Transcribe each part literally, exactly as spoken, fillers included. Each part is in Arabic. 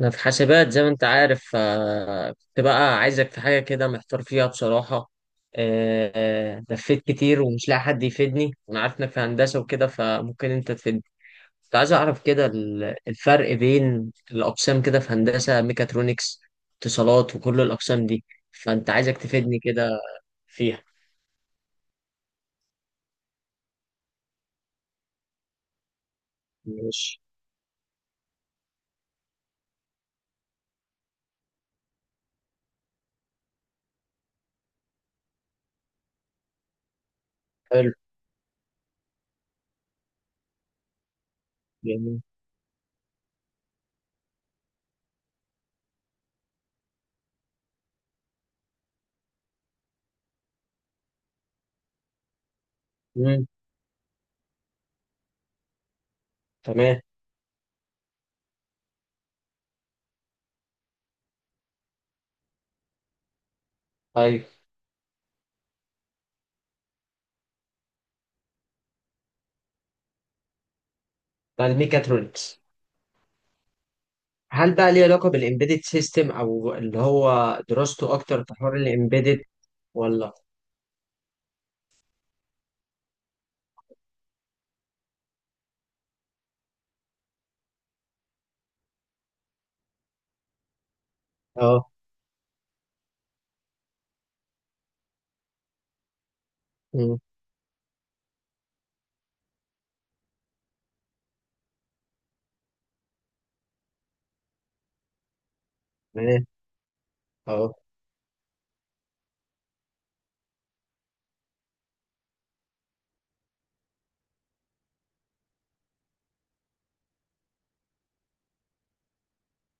أنا في حاسبات زي ما أنت عارف. آه، كنت بقى عايزك في حاجة كده محتار فيها بصراحة. آه، آه، لفيت كتير ومش لاقي حد يفيدني، وأنا عارف إنك في هندسة وكده فممكن أنت تفيدني. كنت عايز أعرف كده ال- الفرق بين الأقسام كده في هندسة ميكاترونكس، اتصالات، وكل الأقسام دي. فأنت عايزك تفيدني كده فيها. ماشي. حلو. جميل. مم. تمام. أيوه. ده الميكاترونكس. هل بقى ليه علاقة بالإمبيدد سيستم، أو اللي هو دراسته أكتر في حوار الإمبيدد، ولا؟ أه. أمم، تمام. أه.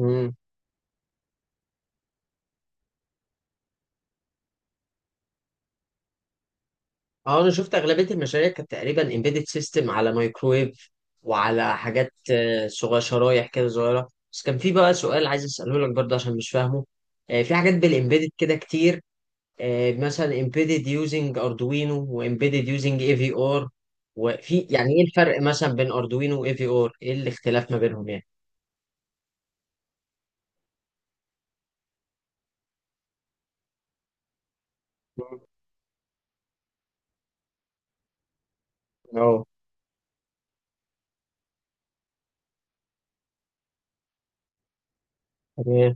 أمم. أه، أنا شفت أغلبية المشاريع كانت تقريبا إمبيدد سيستم على مايكرويف، وعلى حاجات آه، صغيرة، شرايح كده صغيرة. بس كان في بقى سؤال عايز أسأله لك برضه عشان مش فاهمه. آه، في حاجات بالإمبيدد كده كتير. آه، مثلا إمبيدد يوزنج أردوينو، وإمبيدد يوزنج إي في آر. وفي يعني إيه الفرق مثلا بين أردوينو وإي في آر؟ إيه الاختلاف ما بينهم يعني؟ اه. تمام.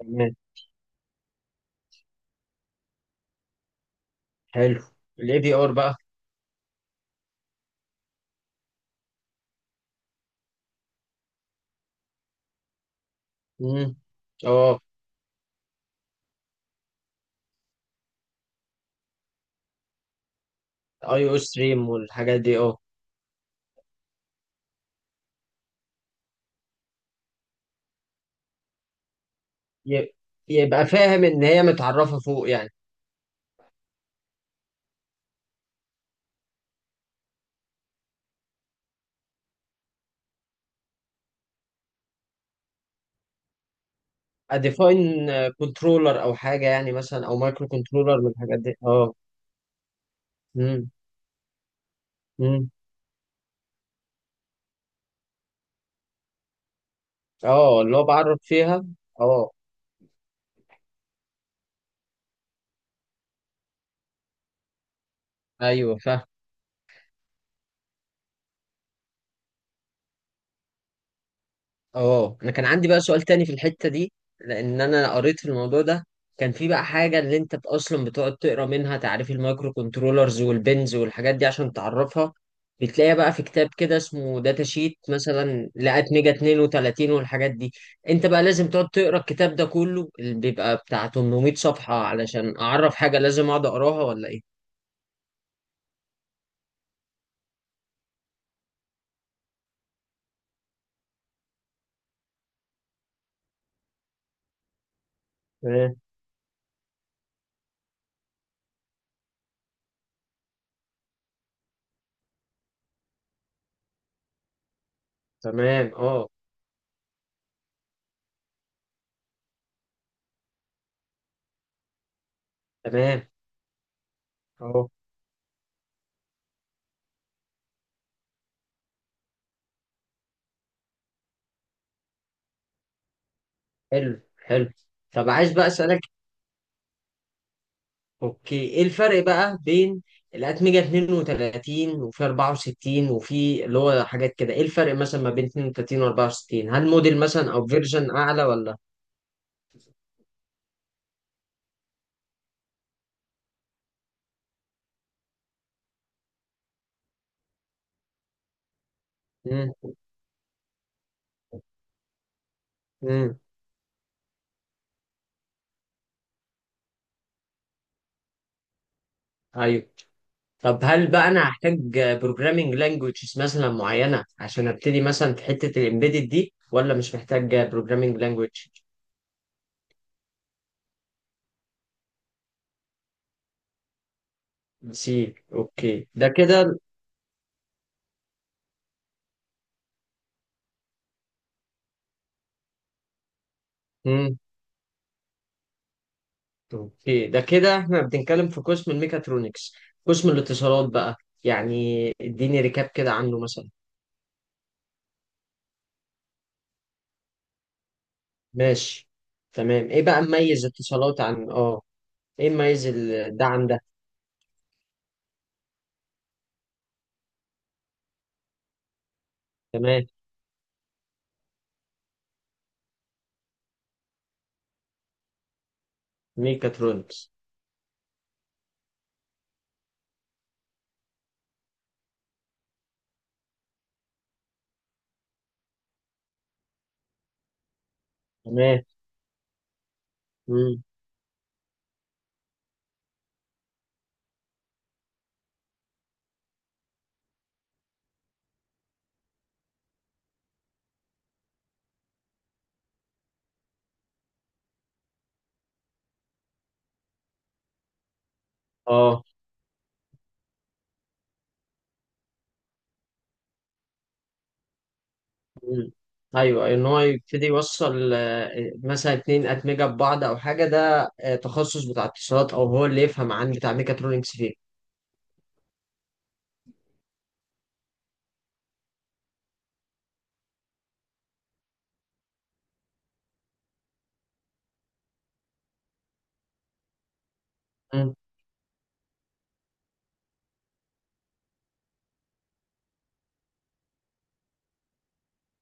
تمام. حلو. الاي بي ار بقى. امم. اه، اي او ستريم والحاجات دي، اه. ي- يبقى فاهم ان هي متعرفه فوق يعني. اديفاين كنترولر او حاجه يعني، مثلا او مايكرو كنترولر من الحاجات دي، اه. امم. امم. اه اللي هو بعرف فيها. اه. ايوه فاهم. اه، انا كان عندي بقى سؤال تاني في الحتة دي، لان انا قريت في الموضوع ده. كان في بقى حاجة اللي انت بت- اصلا بتقعد تقرا منها تعريف المايكرو كنترولرز والبنز والحاجات دي عشان تعرفها. بتلاقيها بقى في كتاب كده اسمه داتا شيت، مثلا لقيت ميجا اتنين وتلاتين والحاجات دي. انت بقى لازم تقعد تقرا الكتاب ده كله اللي بيبقى بتاع تمنمية صفحة، علشان اعرف حاجة لازم اقعد اقراها ولا ايه؟ تمام. تمام. اه. تمام. اهو. حلو حلو. طب عايز بقى اسالك، اوكي ايه الفرق بقى بين الاتمجة اتنين وتلاتين وفي اربعه وستين وفي اللي هو حاات كده؟ ايه الفرق مثلا ما بين اتنين وتلاتين و اربعه وستين؟ هل موديل مثلا او فيرجن اعلى ولا؟ امم. امم. ايوه. طب هل بقى انا هحتاج بروجرامينج لانجويجز مثلا معينة عشان ابتدي مثلا في حتة الامبيدد دي، ولا مش محتاج بروجرامينج لانجويج؟ سي، اوكي ده كده. اوكي، ده كده احنا بنتكلم في قسم الميكاترونكس. قسم الاتصالات بقى، يعني اديني ريكاب كده عنه مثلا. ماشي. تمام، ايه بقى مميز اتصالات عن، اه. ايه مميز ال- ده عن ده؟ تمام. ميكاترونكس. تمام. مم. اه. مم. ايوه، ان هو يبتدي يوصل آه، مثلا اتنين اتمجه ببعض او حاجه، ده آه، تخصص بتاع اتصالات، او هو اللي يفهم عن بتاع ميكاترونكس فيه.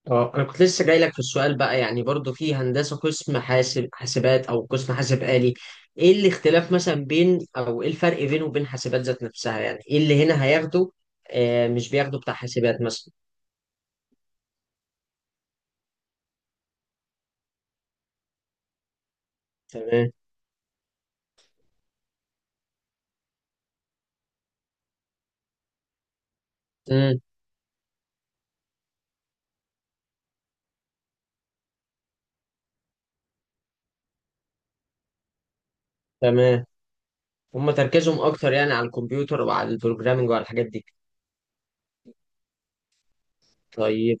اه، انا كنت لسه جاي لك في السؤال بقى، يعني برضو في هندسه قسم حاسب، حاسبات او قسم حاسب آلي. ايه الاختلاف مثلا بين، او ايه الفرق بينه وبين حاسبات ذات نفسها، يعني ايه اللي هنا هياخده؟ آه مش بياخده بتاع حاسبات مثلا. تمام. امم. تمام. هم تركيزهم اكتر يعني على الكمبيوتر وعلى البروجرامنج وعلى الحاجات دي. طيب،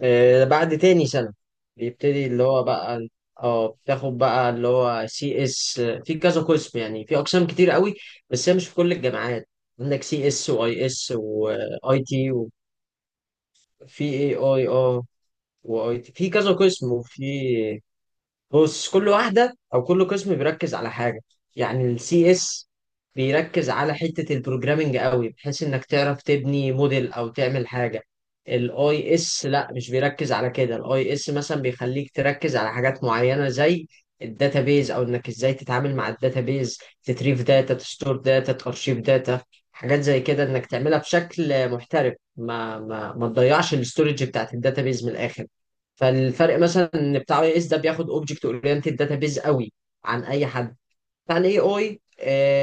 آه، بعد تاني سنة بيبتدي اللي هو بقى. اه، بتاخد بقى اللي هو سي اس في كذا قسم، يعني في اقسام كتير قوي. بس هي مش في كل الجامعات. عندك سي اس، واي اس، واي تي، وفي اي اي، اه. واي تي في كذا قسم، وفي. بص، كل واحدة أو كل قسم بيركز على حاجة. يعني السي اس بيركز على حتة البروجرامينج قوي، بحيث إنك تعرف تبني موديل أو تعمل حاجة. الاي اس لا مش بيركز على كده. الاي اس مثلا بيخليك تركز على حاجات معينة، زي الداتابيز، أو إنك إزاي تتعامل مع الداتابيز. تتريف داتا، تستور داتا، تأرشيف داتا. حاجات زي كده إنك تعملها بشكل محترف، ما ما ما تضيعش الاستورج بتاعت الداتابيز من الآخر. فالفرق مثلا ان بتاع اي اس ده بياخد اوبجكت اورينتد داتابيز قوي عن اي حد. بتاع الاي اي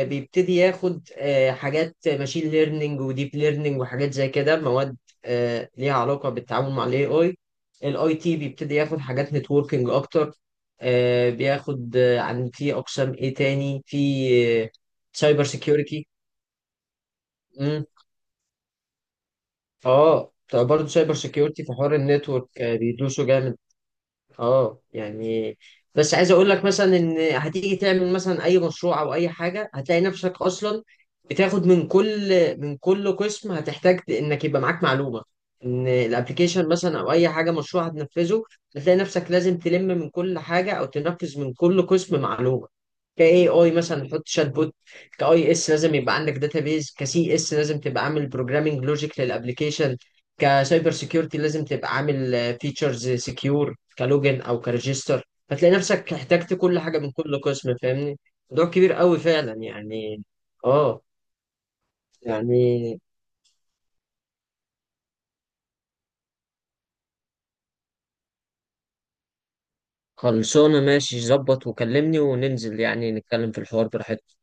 بيبتدي ياخد آه، حاجات ماشين ليرنينج وديب ليرنينج وحاجات زي كده، مواد آه، ليها علاقه بالتعامل مع الاي اي. الاي تي بيبتدي ياخد حاجات نتوركينج اكتر. آه، بياخد، آه، عن في اقسام ايه تاني في. سايبر سيكيورتي. امم. اه، برضه سايبر سيكيورتي في حوار النتورك آه، بيدوسوا جامد. اه يعني، بس عايز اقول لك مثلا ان هتيجي تعمل مثلا اي مشروع او اي حاجه هتلاقي نفسك اصلا بتاخد من كل من كل قسم هتحتاج ت- انك يبقى معاك معلومه. ان الابلكيشن مثلا او اي حاجه مشروع هتنفذه. هتلاقي نفسك لازم تلم من كل حاجه، او تنفذ من كل قسم معلومه. كاي اي مثلا حط شات بوت. كاي اس لازم يبقى عندك داتابيز. كسي اس لازم تبقى عامل بروجرامنج لوجيك للابلكيشن. كسايبر سيكيورتي لازم تبقى عامل فيتشرز سكيور كلوجن او كريجستر. فتلاقي نفسك احتجت كل حاجه من كل قسم، فاهمني. موضوع كبير قوي فعلا يعني، اه. يعني خلصانه، ماشي ظبط وكلمني وننزل يعني نتكلم في الحوار براحتنا.